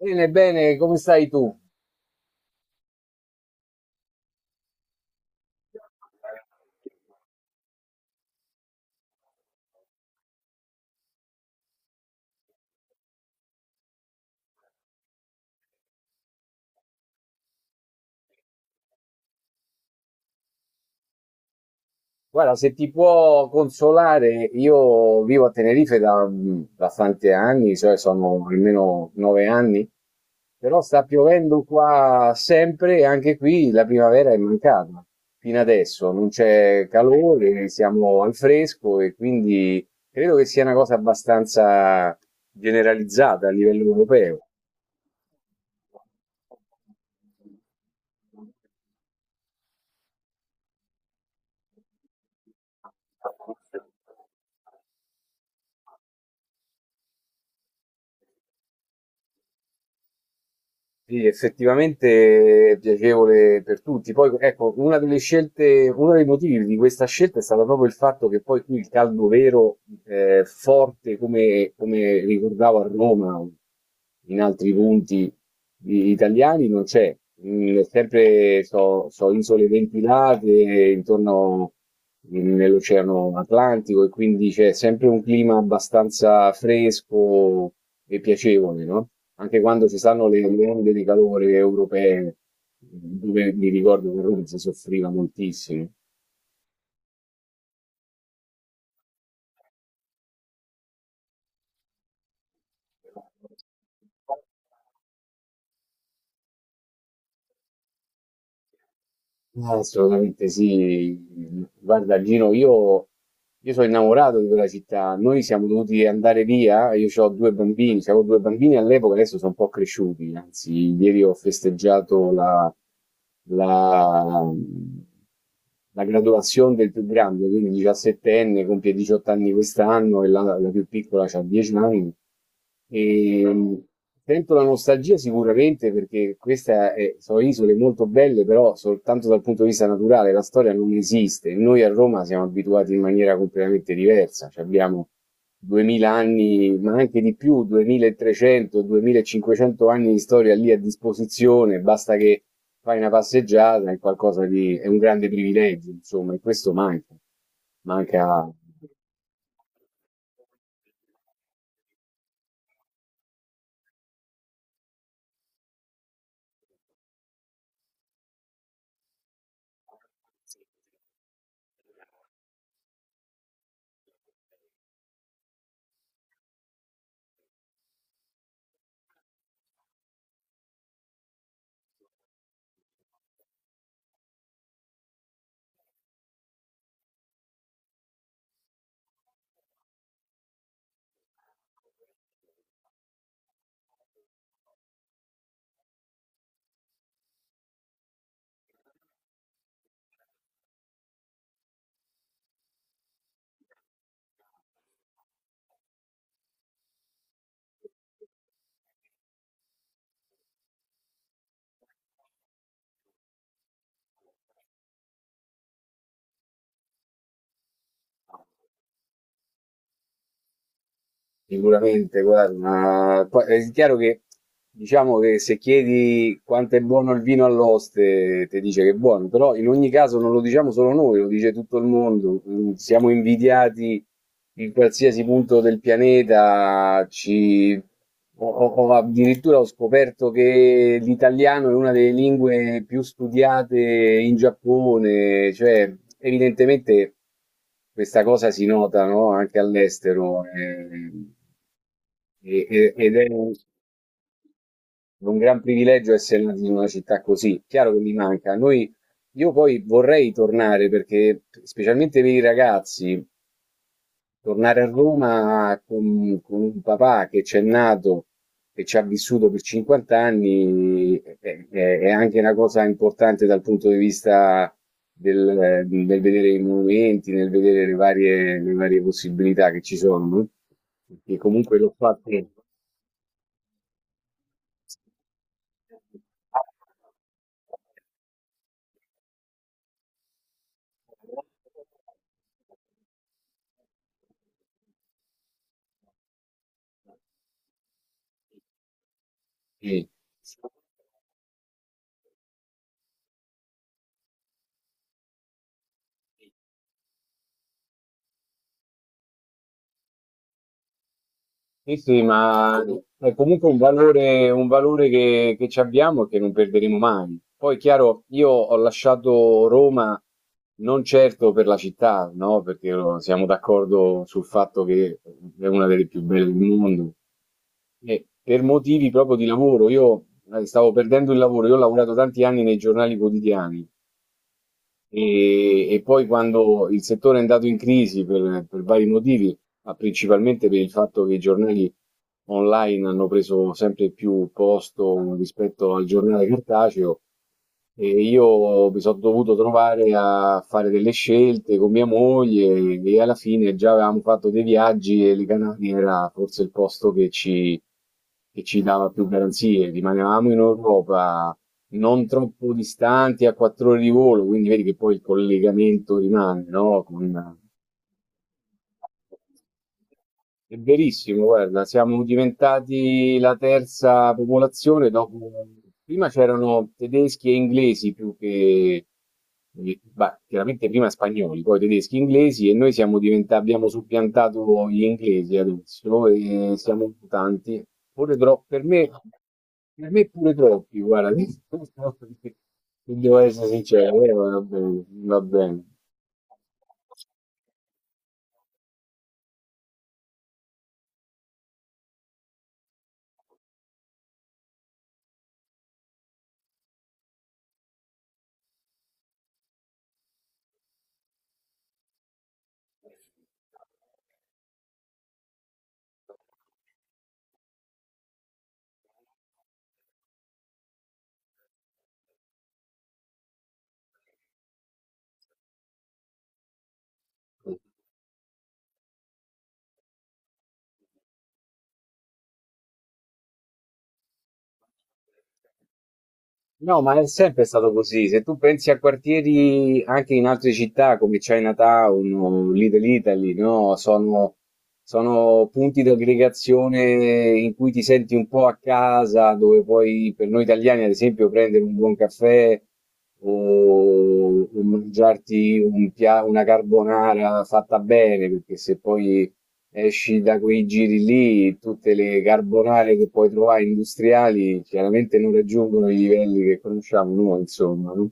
Bene, bene, come stai tu? Guarda, se ti può consolare, io vivo a Tenerife da, da tanti anni, cioè sono almeno 9 anni, però sta piovendo qua sempre e anche qui la primavera è mancata fino adesso, non c'è calore, siamo al fresco e quindi credo che sia una cosa abbastanza generalizzata a livello europeo. Sì, effettivamente è piacevole per tutti. Poi, ecco, una delle scelte, uno dei motivi di questa scelta è stato proprio il fatto che poi qui il caldo vero, forte, come ricordavo a Roma, in altri punti italiani, non c'è. Mm, sempre so, so isole ventilate intorno nell'Oceano Atlantico e quindi c'è sempre un clima abbastanza fresco e piacevole, no? Anche quando ci stanno le onde di calore europee, dove mi ricordo che a Roma si soffriva moltissimo. Ah, assolutamente sì. Guarda, Gino, io sono innamorato di quella città. Noi siamo dovuti andare via. Io ho due bambini, avevo due bambini all'epoca, adesso sono un po' cresciuti. Anzi, ieri ho festeggiato la, la graduazione del più grande, quindi 17enne, compie 18 anni quest'anno e la più piccola ha 10 anni. E sento la nostalgia sicuramente perché queste sono isole molto belle, però soltanto dal punto di vista naturale, la storia non esiste. Noi a Roma siamo abituati in maniera completamente diversa, ci abbiamo 2000 anni, ma anche di più, 2300, 2500 anni di storia lì a disposizione, basta che fai una passeggiata, è qualcosa di, è un grande privilegio, insomma, e questo manca, manca. Sicuramente, guarda, ma poi è chiaro che diciamo che se chiedi quanto è buono il vino all'oste, ti dice che è buono, però in ogni caso non lo diciamo solo noi, lo dice tutto il mondo. Mm, siamo invidiati in qualsiasi punto del pianeta. Ci... Ho addirittura ho scoperto che l'italiano è una delle lingue più studiate in Giappone, cioè evidentemente. Questa cosa si nota, no, anche all'estero, ed è un gran privilegio essere nati in una città così. Chiaro che mi manca. Noi, io poi vorrei tornare perché, specialmente per i ragazzi, tornare a Roma con un papà che c'è nato e ci ha vissuto per 50 anni è, è anche una cosa importante dal punto di vista del vedere i monumenti, nel vedere le varie possibilità che ci sono, no? Perché comunque l'ho fatto. Sì. Sì, ma è comunque un valore, che ci abbiamo e che non perderemo mai. Poi, chiaro, io ho lasciato Roma non certo per la città, no? Perché siamo d'accordo sul fatto che è una delle più belle del mondo. E per motivi proprio di lavoro, io stavo perdendo il lavoro, io ho lavorato tanti anni nei giornali quotidiani e poi quando il settore è andato in crisi per vari motivi, ma principalmente per il fatto che i giornali online hanno preso sempre più posto rispetto al giornale cartaceo, e io mi sono dovuto trovare a fare delle scelte con mia moglie e alla fine già avevamo fatto dei viaggi e le Canarie era forse il posto che ci dava più garanzie. Rimanevamo in Europa, non troppo distanti, a 4 ore di volo, quindi vedi che poi il collegamento rimane, no, con è verissimo, guarda, siamo diventati la terza popolazione dopo... Prima c'erano tedeschi e inglesi più che... beh, chiaramente prima spagnoli, poi tedeschi e inglesi e noi siamo diventati, abbiamo suppiantato gli inglesi adesso e siamo tanti. Pure troppo, per me pure troppi, guarda, devo essere sincero, va bene, va bene. No, ma è sempre stato così. Se tu pensi a quartieri anche in altre città come Chinatown o Little Italy, no? Sono punti di aggregazione in cui ti senti un po' a casa, dove puoi, per noi italiani, ad esempio, prendere un buon caffè o mangiarti un pia- una carbonara fatta bene, perché se poi esci da quei giri lì, tutte le carbonare che puoi trovare industriali chiaramente non raggiungono i livelli che conosciamo noi, insomma, no?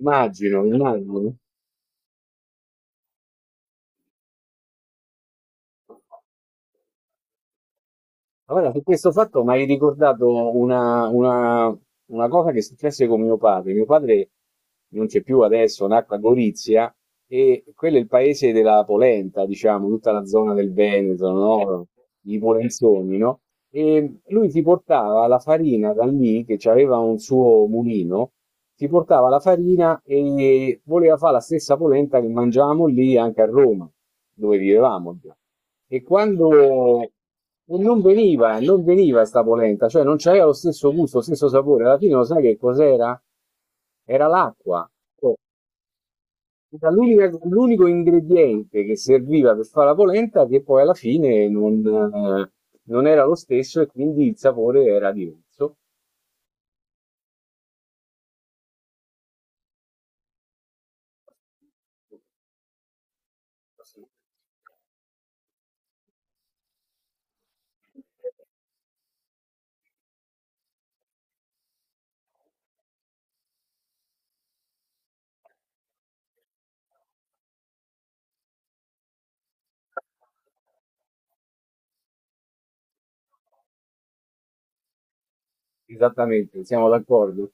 Immagino, immagino. Allora, su questo fatto mi hai ricordato una una cosa che successe con mio padre. Mio padre non c'è più adesso, nacque a Gorizia e quello è il paese della polenta, diciamo, tutta la zona del Veneto, no? I polenzoni, no? E lui ti portava la farina da lì, che aveva un suo mulino, ti portava la farina e voleva fare la stessa polenta che mangiavamo lì anche a Roma, dove vivevamo e quando e non veniva sta polenta, cioè non c'aveva lo stesso gusto, lo stesso sapore. Alla fine lo sai che cos'era? Era l'acqua. Cioè, era l'unico ingrediente che serviva per fare la polenta che poi alla fine non, non era lo stesso e quindi il sapore era diverso. Esattamente, siamo d'accordo.